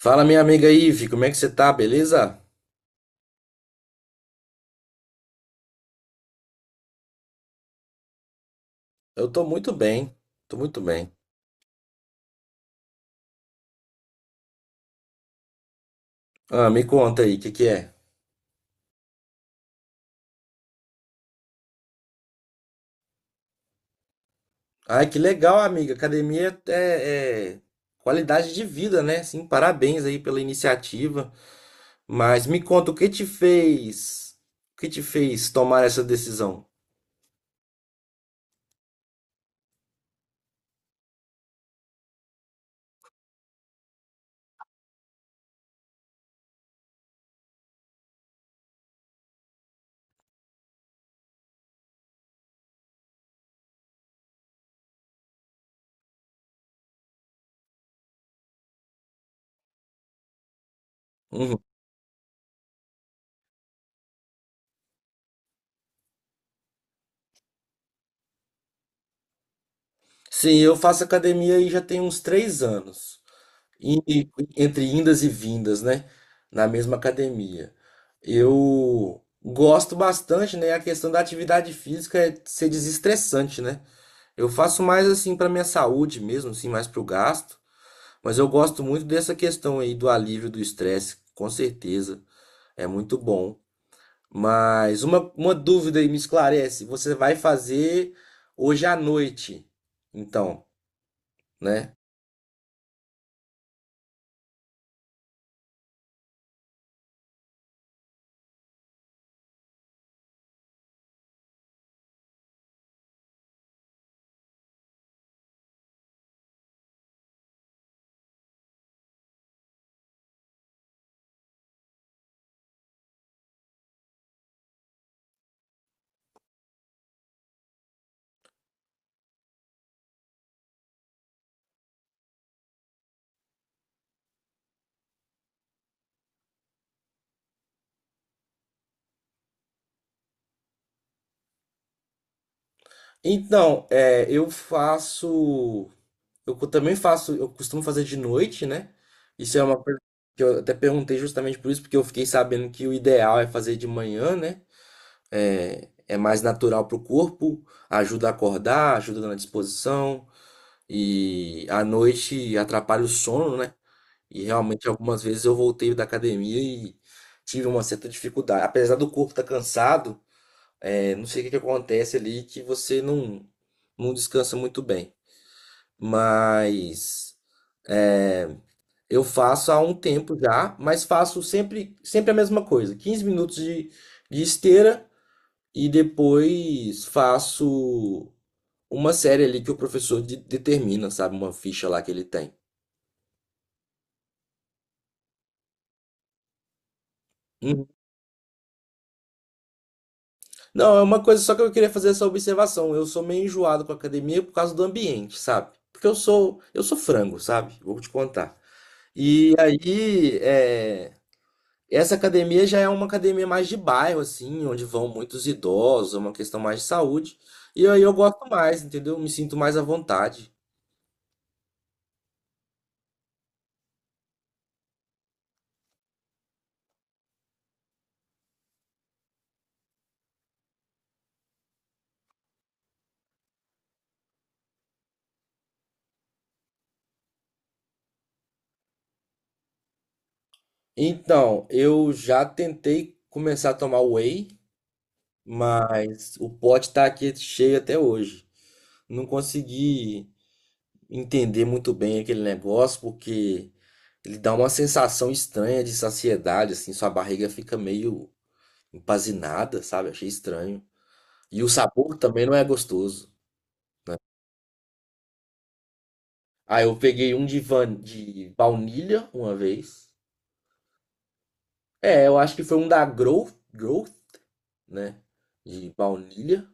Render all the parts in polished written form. Fala, minha amiga Ive, como é que você tá, beleza? Eu tô muito bem, tô muito bem. Ah, me conta aí, o que que é? Ai, que legal, amiga. Academia é qualidade de vida, né? Sim, parabéns aí pela iniciativa. Mas me conta, o que te fez tomar essa decisão? Uhum. Sim, eu faço academia aí já tem uns 3 anos. E, e- Entre indas e vindas, né? Na mesma academia. Eu gosto bastante, né? A questão da atividade física é ser desestressante, né? Eu faço mais assim para minha saúde mesmo, assim, mais para o gasto. Mas eu gosto muito dessa questão aí do alívio do estresse, com certeza. É muito bom. Mas uma dúvida aí me esclarece. Você vai fazer hoje à noite, então, né? Então, eu faço. Também faço, eu costumo fazer de noite, né? Isso é uma coisa que eu até perguntei justamente por isso, porque eu fiquei sabendo que o ideal é fazer de manhã, né? É mais natural para o corpo, ajuda a acordar, ajuda na disposição, e à noite atrapalha o sono, né? E realmente algumas vezes eu voltei da academia e tive uma certa dificuldade. Apesar do corpo estar cansado, não sei o que que acontece ali que você não, não descansa muito bem. Mas. Eu faço há um tempo já, mas faço sempre, sempre a mesma coisa. 15 minutos de esteira e depois faço uma série ali que o professor determina, sabe? Uma ficha lá que ele tem. Uhum. Não, é uma coisa só que eu queria fazer essa observação. Eu sou meio enjoado com a academia por causa do ambiente, sabe? Porque eu sou frango, sabe? Vou te contar. E aí, é, Essa academia já é uma academia mais de bairro, assim, onde vão muitos idosos, é uma questão mais de saúde. E aí eu gosto mais, entendeu? Me sinto mais à vontade. Então, eu já tentei começar a tomar whey, mas o pote tá aqui cheio até hoje. Não consegui entender muito bem aquele negócio, porque ele dá uma sensação estranha de saciedade, assim, sua barriga fica meio empanzinada, sabe? Achei estranho. E o sabor também não é gostoso. Ah, eu peguei um de baunilha uma vez. É, eu acho que foi um da Growth, né? De baunilha.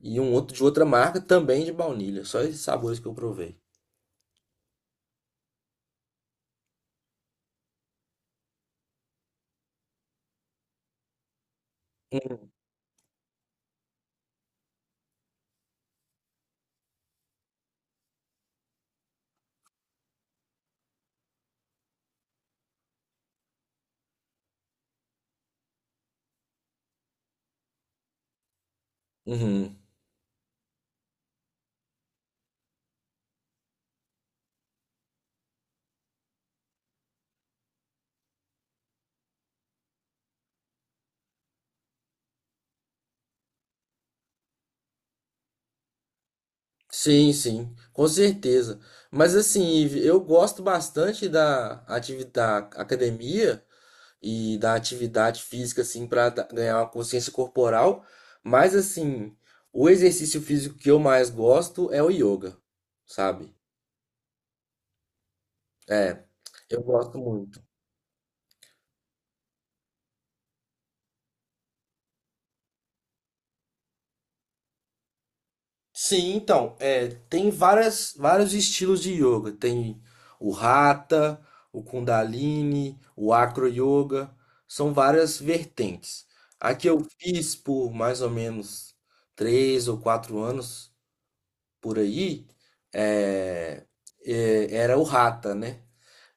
E um outro de outra marca também de baunilha. Só esses sabores que eu provei. Uhum. Sim, sim, com certeza. Mas assim, Ive, eu gosto bastante da atividade da academia e da atividade física, assim, para ganhar uma consciência corporal. Mas assim, o exercício físico que eu mais gosto é o yoga, sabe? É, eu gosto muito. Sim, então, tem vários estilos de yoga. Tem o Hatha, o Kundalini, o Acro Yoga. São várias vertentes. A que eu fiz por mais ou menos 3 ou 4 anos por aí, é, era o Hatha, né?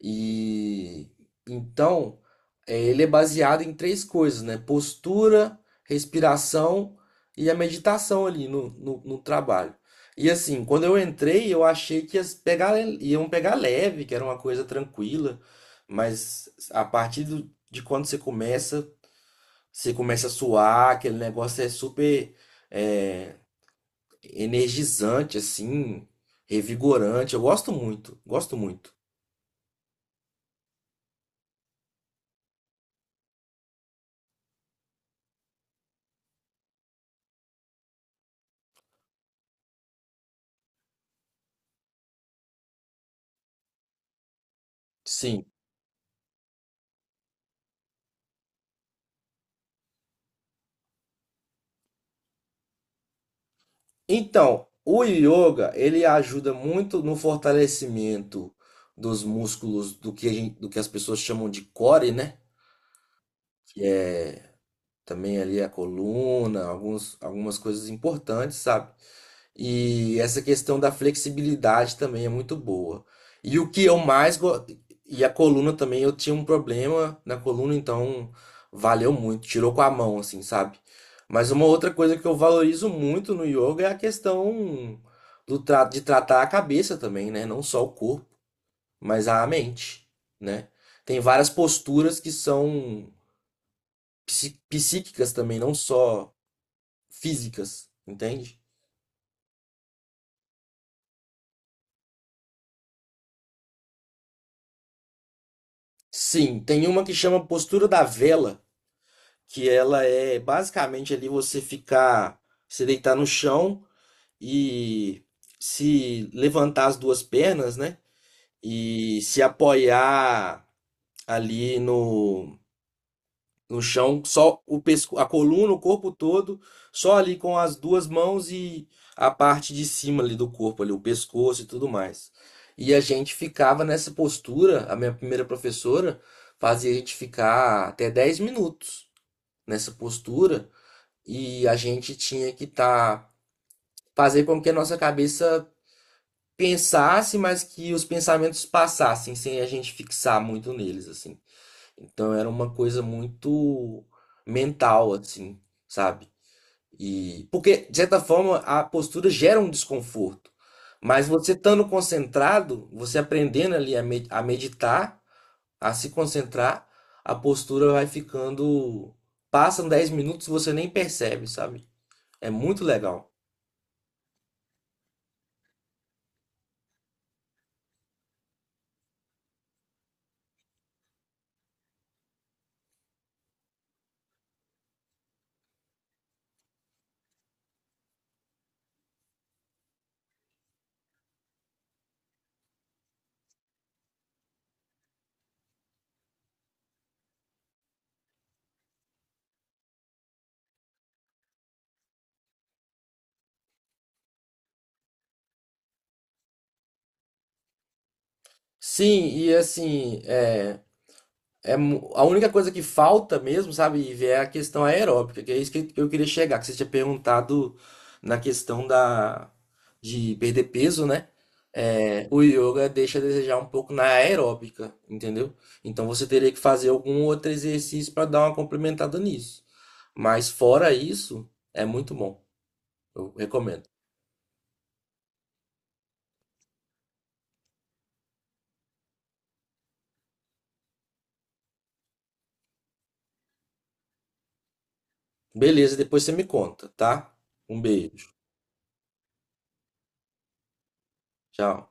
E então, é, ele é baseado em três coisas, né? Postura, respiração e a meditação ali no trabalho. E assim, quando eu entrei, eu achei que ia iam pegar leve, que era uma coisa tranquila, mas a partir de quando você começa a suar, aquele negócio é super é, energizante, assim, revigorante. Eu gosto muito, gosto muito. Sim. Então, o yoga, ele ajuda muito no fortalecimento dos músculos do que, do que as pessoas chamam de core, né? Também ali a coluna, algumas coisas importantes, sabe? E essa questão da flexibilidade também é muito boa. E o que eu mais go... E a coluna também, eu tinha um problema na coluna, então valeu muito, tirou com a mão assim, sabe? Mas uma outra coisa que eu valorizo muito no yoga é a questão de tratar a cabeça também, né? Não só o corpo, mas a mente, né? Tem várias posturas que são psíquicas também, não só físicas, entende? Sim, tem uma que chama postura da vela, que ela é basicamente ali você ficar, se deitar no chão e se levantar as duas pernas, né? E se apoiar ali no chão, só o pesco, a coluna, o corpo todo, só ali com as duas mãos e a parte de cima ali do corpo, ali, o pescoço e tudo mais. E a gente ficava nessa postura, a minha primeira professora fazia a gente ficar até 10 minutos nessa postura e a gente tinha que tá fazer com que a nossa cabeça pensasse, mas que os pensamentos passassem sem a gente fixar muito neles assim. Então era uma coisa muito mental, assim, sabe? E porque, de certa forma, a postura gera um desconforto. Mas você estando concentrado, você aprendendo ali a meditar, a se concentrar, a postura vai ficando. Passam 10 minutos e você nem percebe, sabe? É muito legal. Sim, e assim, a única coisa que falta mesmo, sabe, Ivi, é a questão aeróbica, que é isso que eu queria chegar, que você tinha perguntado na de perder peso, né? É, o yoga deixa a desejar um pouco na aeróbica, entendeu? Então você teria que fazer algum outro exercício para dar uma complementada nisso. Mas fora isso, é muito bom. Eu recomendo. Beleza, depois você me conta, tá? Um beijo. Tchau.